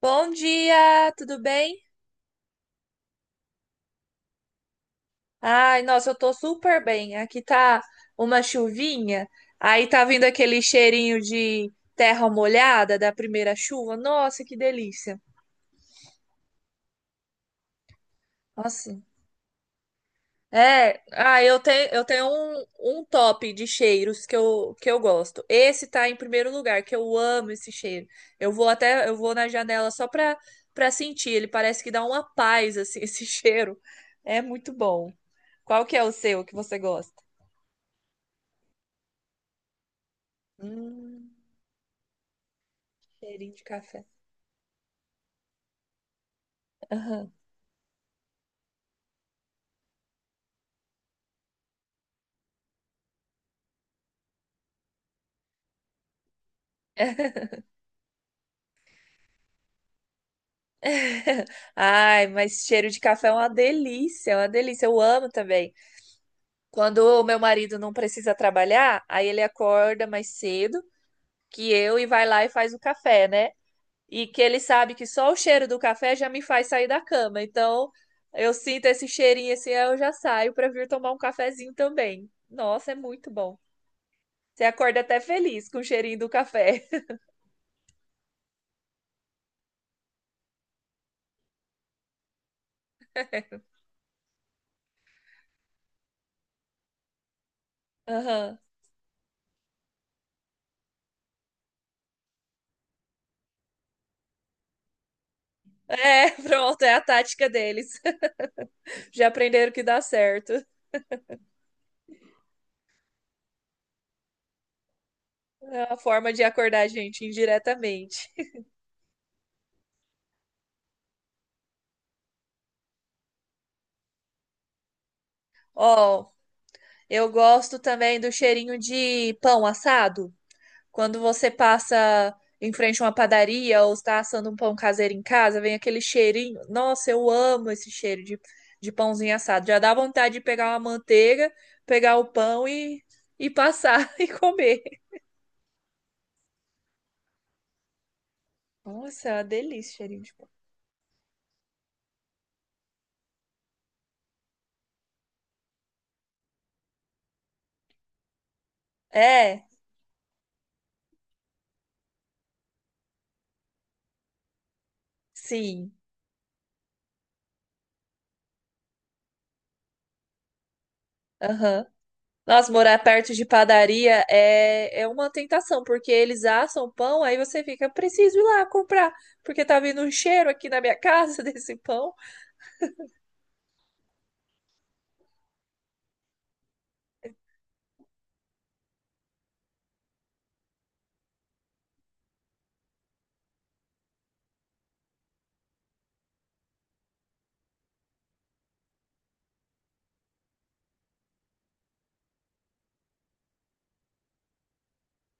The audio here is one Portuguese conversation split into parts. Bom dia, tudo bem? Ai, nossa, eu tô super bem. Aqui tá uma chuvinha, aí tá vindo aquele cheirinho de terra molhada da primeira chuva. Nossa, que delícia. Nossa. Eu tenho, um top de cheiros que eu gosto. Esse tá em primeiro lugar, que eu amo esse cheiro. Eu vou na janela só pra sentir. Ele parece que dá uma paz, assim, esse cheiro. É muito bom. Qual que é o seu que você gosta? Hum, cheirinho de café. Aham. Ai, mas cheiro de café é uma delícia, é uma delícia. Eu amo também. Quando o meu marido não precisa trabalhar, aí ele acorda mais cedo que eu e vai lá e faz o café, né? E que ele sabe que só o cheiro do café já me faz sair da cama. Então, eu sinto esse cheirinho assim, aí eu já saio para vir tomar um cafezinho também. Nossa, é muito bom. Você acorda até feliz com o cheirinho do café. Aham. É, pronto, é a tática deles. Já aprenderam que dá certo. É uma forma de acordar a gente indiretamente. Ó, eu gosto também do cheirinho de pão assado. Quando você passa em frente a uma padaria ou está assando um pão caseiro em casa, vem aquele cheirinho. Nossa, eu amo esse de pãozinho assado. Já dá vontade de pegar uma manteiga, pegar o pão e passar e comer. Nossa, é uma delícia o cheirinho de pão. É, sim. Aham. Nossa, morar perto de padaria é uma tentação, porque eles assam pão, aí você fica, preciso ir lá comprar, porque tá vindo um cheiro aqui na minha casa desse pão.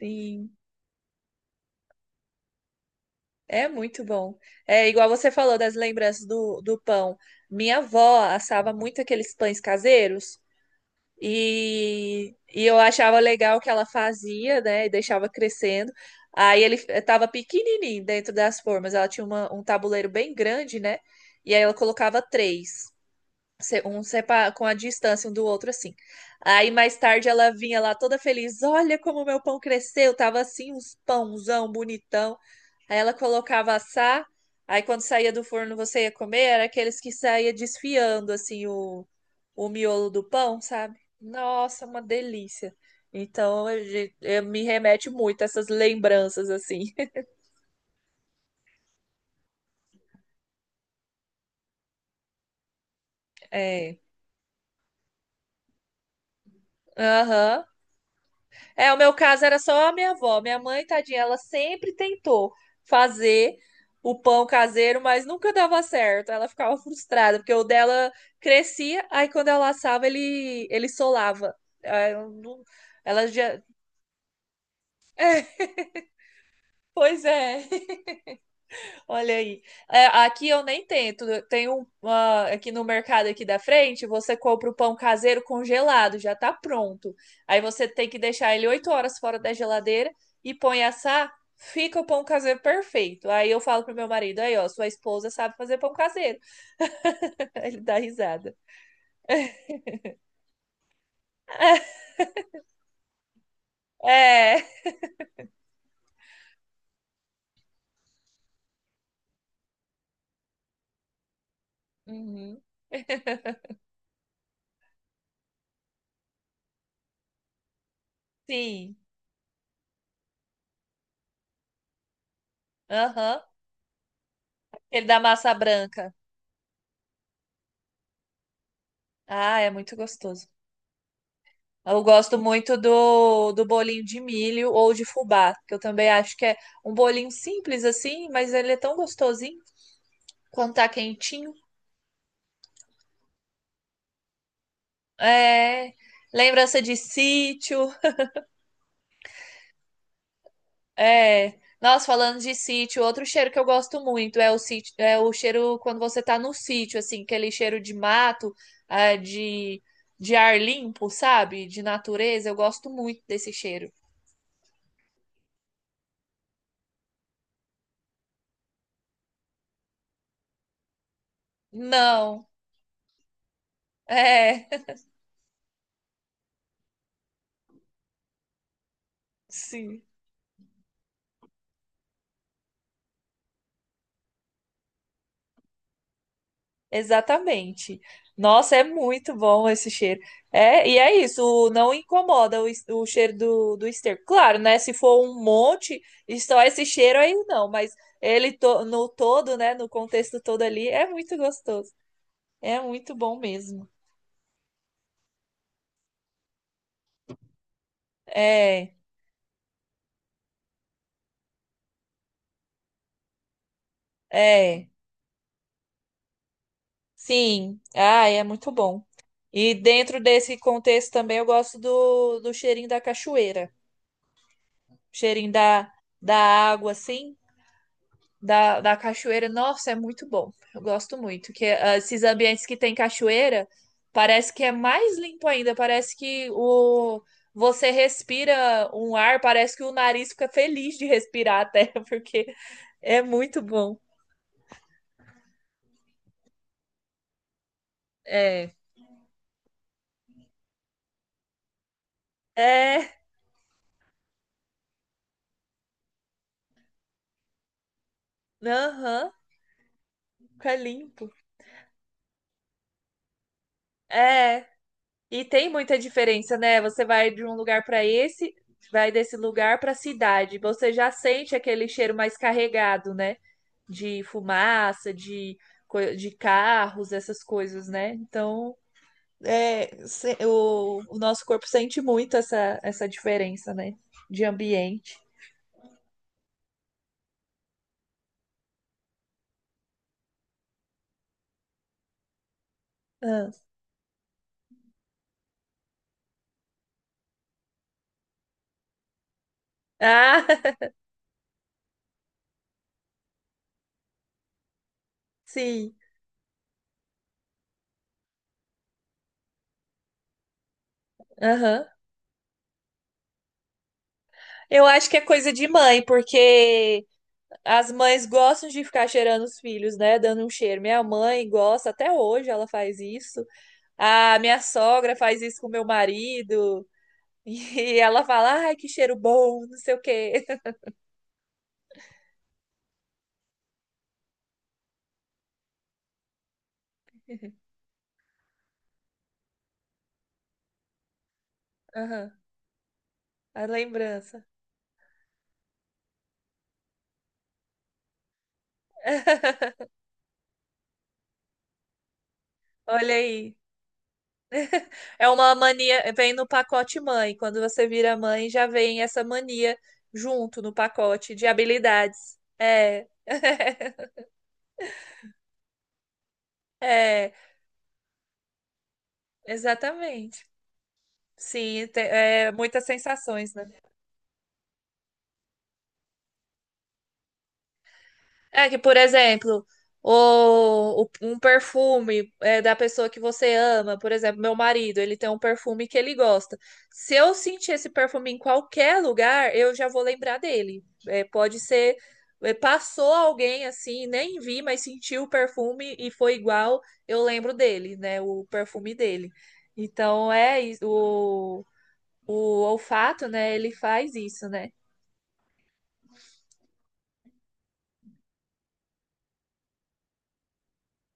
Sim. É muito bom. É igual você falou das lembranças do pão. Minha avó assava muito aqueles pães caseiros e eu achava legal o que ela fazia, né? E deixava crescendo. Aí ele estava pequenininho dentro das formas. Ela tinha um tabuleiro bem grande, né? E aí ela colocava três, com a distância um do outro assim. Aí mais tarde ela vinha lá toda feliz. Olha como meu pão cresceu. Tava assim uns pãozão bonitão. Aí ela colocava assar, aí quando saía do forno você ia comer, era aqueles que saía desfiando assim o miolo do pão, sabe? Nossa, uma delícia. Então, me remete muito a essas lembranças assim. É. Aham. É, o meu caso era só a minha avó. Minha mãe, tadinha, ela sempre tentou fazer o pão caseiro, mas nunca dava certo. Ela ficava frustrada, porque o dela crescia, aí quando ela assava, ele solava. Aí eu não- Ela já. Pois é. Olha aí. É, aqui eu nem tento. Tem aqui no mercado aqui da frente, você compra o pão caseiro congelado, já tá pronto. Aí você tem que deixar ele 8 horas fora da geladeira e põe assar, fica o pão caseiro perfeito. Aí eu falo pro meu marido, aí ó, sua esposa sabe fazer pão caseiro. Ele dá risada. É. Uhum. Sim. Aham. Ele dá massa branca. Ah, é muito gostoso. Eu gosto muito do bolinho de milho ou de fubá, que eu também acho que é um bolinho simples assim, mas ele é tão gostosinho quando tá quentinho. É, lembrança de sítio. É, nossa, falando de sítio, outro cheiro que eu gosto muito é o sítio, é o cheiro quando você tá no sítio, assim, aquele cheiro de mato, ah, de, de ar limpo, sabe? De natureza. Eu gosto muito desse cheiro. Não, é, sim. Exatamente. Nossa, é muito bom esse cheiro. É, e é isso, não incomoda o cheiro do esterco. Claro, né? Se for um monte, e só esse cheiro aí não, mas no todo, né? No contexto todo ali, é muito gostoso. É muito bom mesmo. É, é, sim. Ah, é muito bom. E dentro desse contexto também eu gosto do cheirinho da cachoeira, cheirinho da, da água, assim. Da cachoeira, nossa, é muito bom. Eu gosto muito. Que ah, esses ambientes que tem cachoeira, parece que é mais limpo ainda. Parece que o você respira um ar, parece que o nariz fica feliz de respirar até, porque é muito bom. É. É. Aham. Fica limpo. É. E tem muita diferença, né? Você vai de um lugar para esse, vai desse lugar para a cidade. Você já sente aquele cheiro mais carregado, né? de fumaça, de, de carros, essas coisas, né? Então, é, o nosso corpo sente muito essa diferença, né? De ambiente. Ah, Ah, sim. Aham. Eu acho que é coisa de mãe, porque as mães gostam de ficar cheirando os filhos, né? Dando um cheiro. Minha mãe gosta, até hoje ela faz isso. A minha sogra faz isso com meu marido. E ela fala, ai, que cheiro bom, não sei o quê. Aham, a lembrança. Olha aí. É uma mania, vem no pacote mãe. Quando você vira mãe, já vem essa mania junto no pacote de habilidades. É. É, exatamente. Sim, é, muitas sensações, né? É que, por exemplo, um perfume é, da pessoa que você ama, por exemplo, meu marido, ele tem um perfume que ele gosta. Se eu sentir esse perfume em qualquer lugar, eu já vou lembrar dele. É, pode ser, é, passou alguém assim, nem vi, mas sentiu o perfume e foi igual, eu lembro dele, né? O perfume dele. Então é isso, o olfato, né? Ele faz isso, né?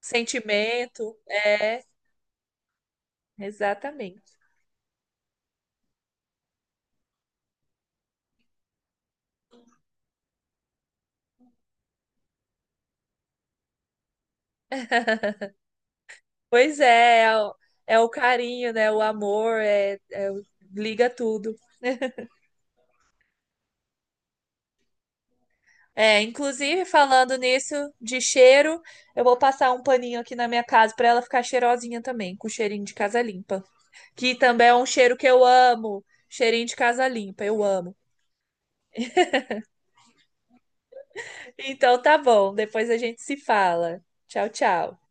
Sentimento, é, exatamente. Pois é, é o carinho, né? O amor, liga tudo. É, inclusive falando nisso de cheiro, eu vou passar um paninho aqui na minha casa para ela ficar cheirosinha também, com cheirinho de casa limpa, que também é um cheiro que eu amo, cheirinho de casa limpa, eu amo. Então tá bom, depois a gente se fala. Tchau, tchau.